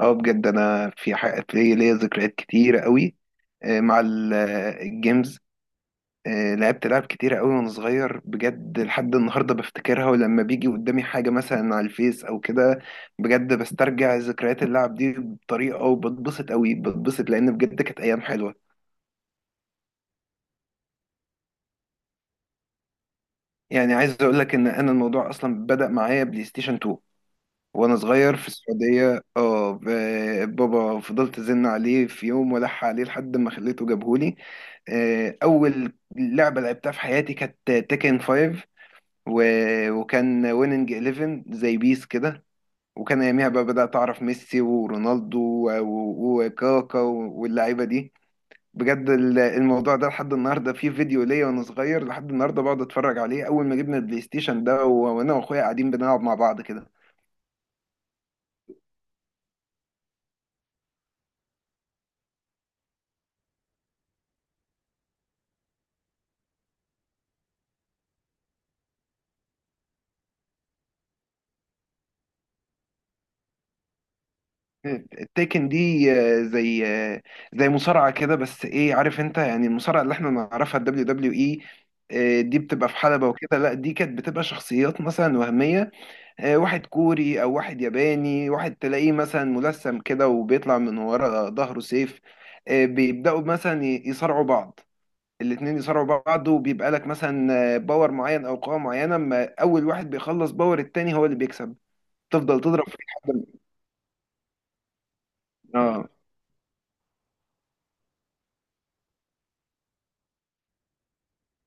اه، بجد انا في ليا ذكريات كتيره قوي، مع الجيمز. لعبت لعب كتيره قوي وانا صغير، بجد لحد النهارده بفتكرها، ولما بيجي قدامي حاجه مثلا على الفيس او كده بجد بسترجع ذكريات اللعب دي بطريقه، وبتبسط قوي، بتبسط لان بجد كانت ايام حلوه. يعني عايز اقول لك ان انا الموضوع اصلا بدأ معايا بلاي ستيشن 2 وانا صغير في السعوديه. بابا فضلت ازن عليه في يوم والح عليه لحد ما خليته جابهولي. اول لعبه لعبتها في حياتي كانت تيكن 5، وكان ويننج 11 زي بيس كده. وكان اياميها بقى بدات اعرف ميسي ورونالدو وكاكا واللعيبه دي. بجد الموضوع ده لحد النهارده فيه فيديو ليا وانا صغير، لحد النهارده بقعد اتفرج عليه اول ما جبنا البلاي ستيشن ده، وانا واخويا قاعدين بنلعب مع بعض كده. التيكن دي زي مصارعة كده، بس ايه، عارف انت يعني المصارعة اللي احنا نعرفها الدبليو دبليو اي؟ دي بتبقى في حلبة وكده. لا، دي كانت بتبقى شخصيات مثلا وهمية، واحد كوري او واحد ياباني، واحد تلاقيه مثلا ملثم كده وبيطلع من ورا ظهره سيف. بيبدأوا مثلا يصارعوا بعض، الاتنين يصارعوا بعض، وبيبقى لك مثلا باور معين او قوة معينة، اما اول واحد بيخلص باور التاني هو اللي بيكسب. تفضل تضرب فيه لحد ما- اه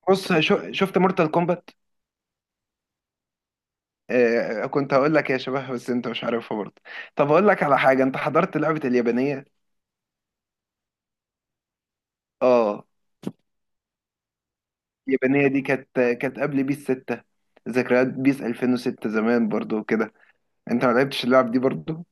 بص، شو شفت مورتال كومبات. كنت هقول لك يا شباب بس انت مش عارفها برضه. طب هقول لك على حاجه، انت حضرت لعبه اليابانيه؟ اه. اليابانيه دي كانت قبل بيس 6، ذكريات بيس 2006 زمان برضه وكده. انت ما لعبتش اللعب دي برضه؟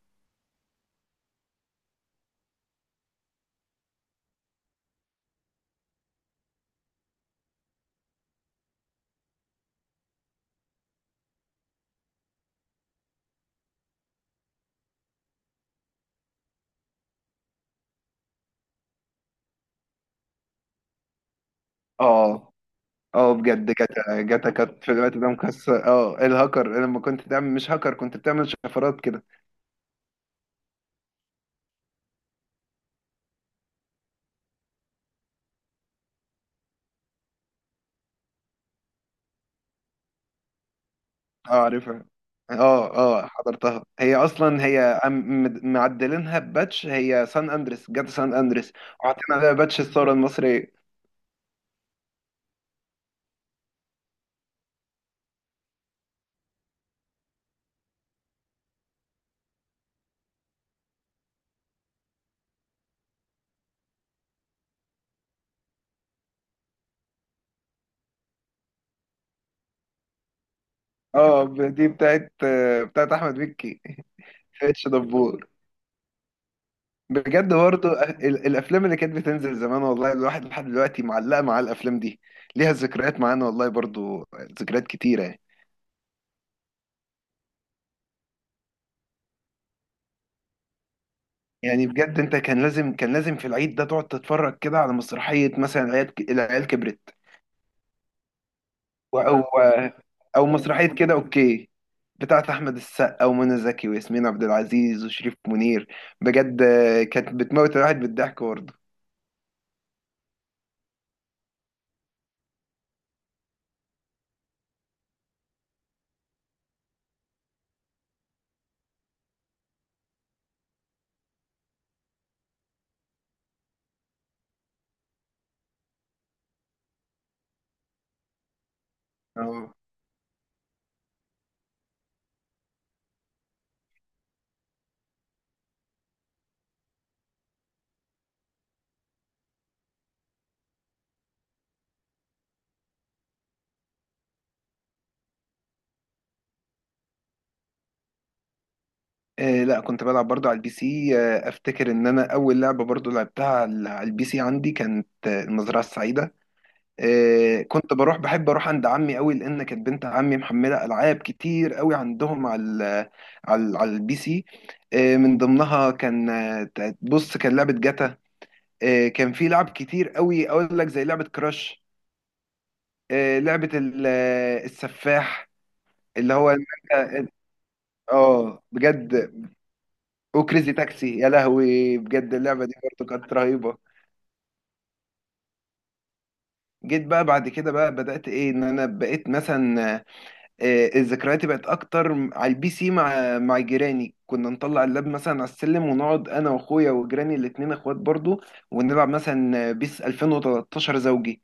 اه، اه، بجد جاتا جاتا كانت في الوقت ده مكسر، الهاكر لما كنت تعمل، مش هاكر كنت بتعمل شفرات كده. اه، عارفها. اه، اه، حضرتها، هي اصلا هي معدلينها بباتش، هي سان اندريس، جت سان اندريس وحاطين عليها باتش الثوره المصريه. اه، دي بتاعت احمد مكي، اتش دبور. بجد برضه الافلام اللي كانت بتنزل زمان، والله الواحد لحد دلوقتي معلقه مع الافلام دي، ليها ذكريات معانا والله برضه، ذكريات كتيره يعني. يعني بجد انت كان لازم في العيد ده تقعد تتفرج كده على مسرحيه مثلا العيال كبرت. او او مسرحيه كده، اوكي، بتاعت احمد السقا ومنى زكي وياسمين عبد العزيز وشريف منير. بجد كانت بتموت الواحد بالضحك برضه. اه، لا كنت بلعب برضه على البي سي، افتكر ان انا اول لعبه برضه لعبتها على البي سي عندي كانت المزرعه السعيده. كنت بحب اروح عند عمي قوي لان كانت بنت عمي محمله العاب كتير قوي عندهم على البي سي. من ضمنها كان، بص كان لعبه جاتا. كان في لعب كتير قوي اقول لك زي لعبه كراش، لعبه السفاح، اللي هو، اه، بجد. وكريزي تاكسي، يا لهوي بجد اللعبه دي برضه كانت رهيبه. جيت بقى بعد كده بقى، بدات ايه، ان انا بقيت مثلا الذكريات بقت اكتر على البي سي، مع جيراني. كنا نطلع اللاب مثلا على السلم ونقعد انا واخويا وجيراني الاتنين اخوات برضه، ونلعب مثلا بيس 2013 زوجي.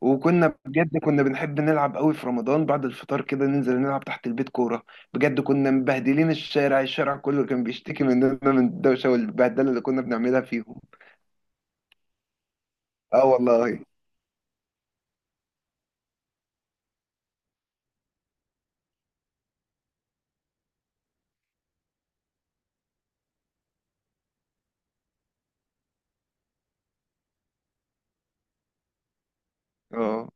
وكنا بجد كنا بنحب نلعب قوي في رمضان، بعد الفطار كده ننزل نلعب تحت البيت كورة. بجد كنا مبهدلين الشارع كله كان بيشتكي مننا من الدوشة والبهدلة اللي كنا بنعملها فيهم. اه، والله، اه،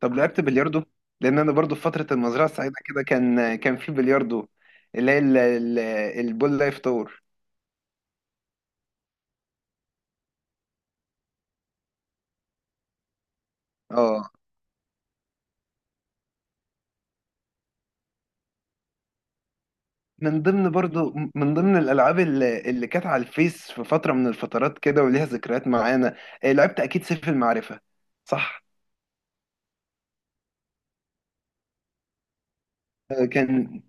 طب لعبت بلياردو؟ لان انا برضو في فترة المزرعة السعيدة كده كان في بلياردو، اللي هي البول لايف تور. اه، من ضمن برضو، من ضمن الالعاب اللي كانت على الفيس في فترة من الفترات كده وليها ذكريات معانا، لعبت اكيد سيف المعرفة، صح؟ كان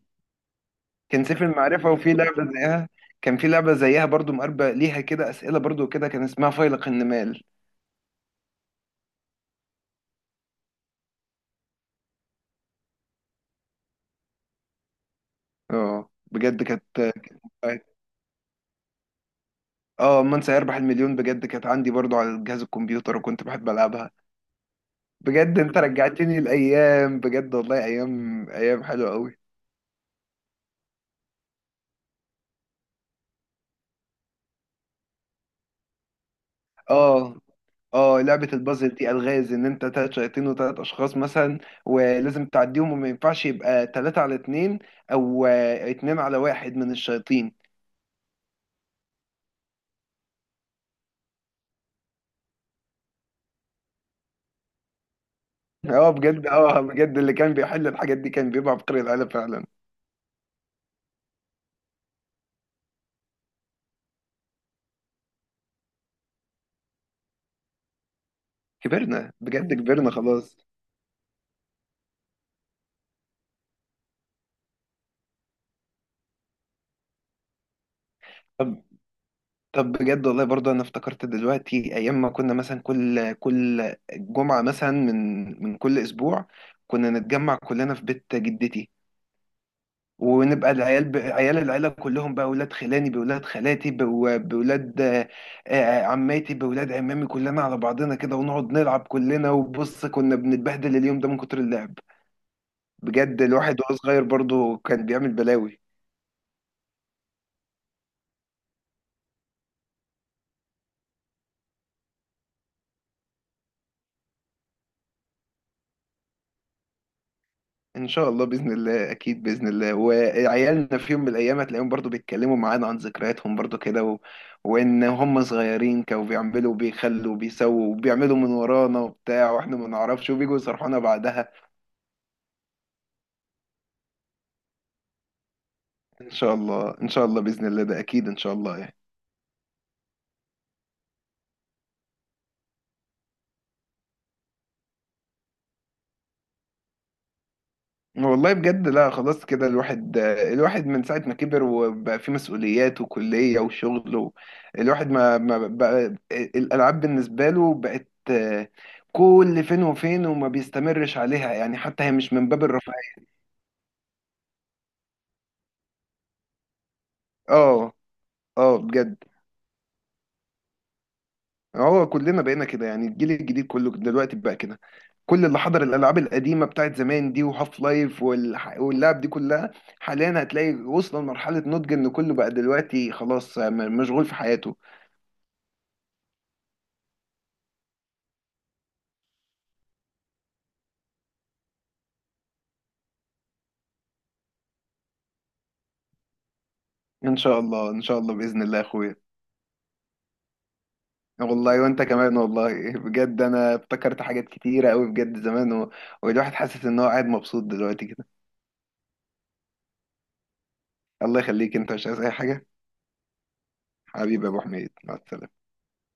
كان سيف المعرفة وفي لعبة زيها. كان في لعبة زيها برضو مقربة ليها كده، أسئلة برضو كده، كان اسمها فيلق النمال. اه بجد كانت. اه، من سيربح المليون بجد كانت عندي برضو على جهاز الكمبيوتر وكنت بحب ألعبها. بجد انت رجعتني الأيام، بجد والله أيام، أيام حلوة قوي. اه، اه، لعبة البازل دي ألغاز ان انت تلات شياطين وتلات اشخاص مثلا، ولازم تعديهم وما ينفعش يبقى تلاتة على اتنين او اتنين على واحد من الشياطين. اه بجد، اه بجد، اللي كان بيحل الحاجات دي كان بيبقى عبقري العيله فعلا. كبرنا بجد، كبرنا خلاص. طب طب بجد والله برضه انا افتكرت دلوقتي ايام ما كنا مثلا كل جمعه مثلا من كل اسبوع كنا نتجمع كلنا في بيت جدتي، ونبقى العيال عيال العيله كلهم بقى اولاد خلاني، باولاد خالاتي، بو- باولاد آه، آه، عماتي، باولاد عمامي، كلنا على بعضنا كده ونقعد نلعب كلنا. وبص كنا بنتبهدل اليوم ده من كتر اللعب، بجد الواحد وهو صغير برضه كان بيعمل بلاوي. ان شاء الله، باذن الله، اكيد باذن الله، وعيالنا في يوم من الايام هتلاقيهم برضه بيتكلموا معانا عن ذكرياتهم برضه كده وان هم صغيرين كانوا بيعملوا وبيخلوا وبيسووا وبيعملوا من ورانا وبتاع واحنا ما نعرفش، وبيجوا يصرحونا بعدها. ان شاء الله، ان شاء الله، باذن الله، ده اكيد ان شاء الله. والله بجد، لا، خلاص كده، الواحد من ساعة ما كبر وبقى فيه مسؤوليات وكلية وشغل الواحد ما بقى الألعاب بالنسبة له بقت كل فين وفين وما بيستمرش عليها، يعني حتى هي مش من باب الرفاهية. اه، اه بجد، هو كلنا بقينا كده، يعني الجيل الجديد كله دلوقتي بقى كده. كل اللي حضر الألعاب القديمة بتاعت زمان دي وهاف لايف واللعب دي كلها، حاليا هتلاقي وصل لمرحلة نضج إن كله بقى دلوقتي خلاص مشغول في حياته. ان شاء الله، ان شاء الله باذن الله يا اخويا. والله وانت كمان، والله بجد انا افتكرت حاجات كتيره قوي بجد زمان والواحد حاسس ان هو قاعد مبسوط دلوقتي كده. الله يخليك، انت مش عايز اي حاجه. حبيبي يا ابو حميد، مع السلامه.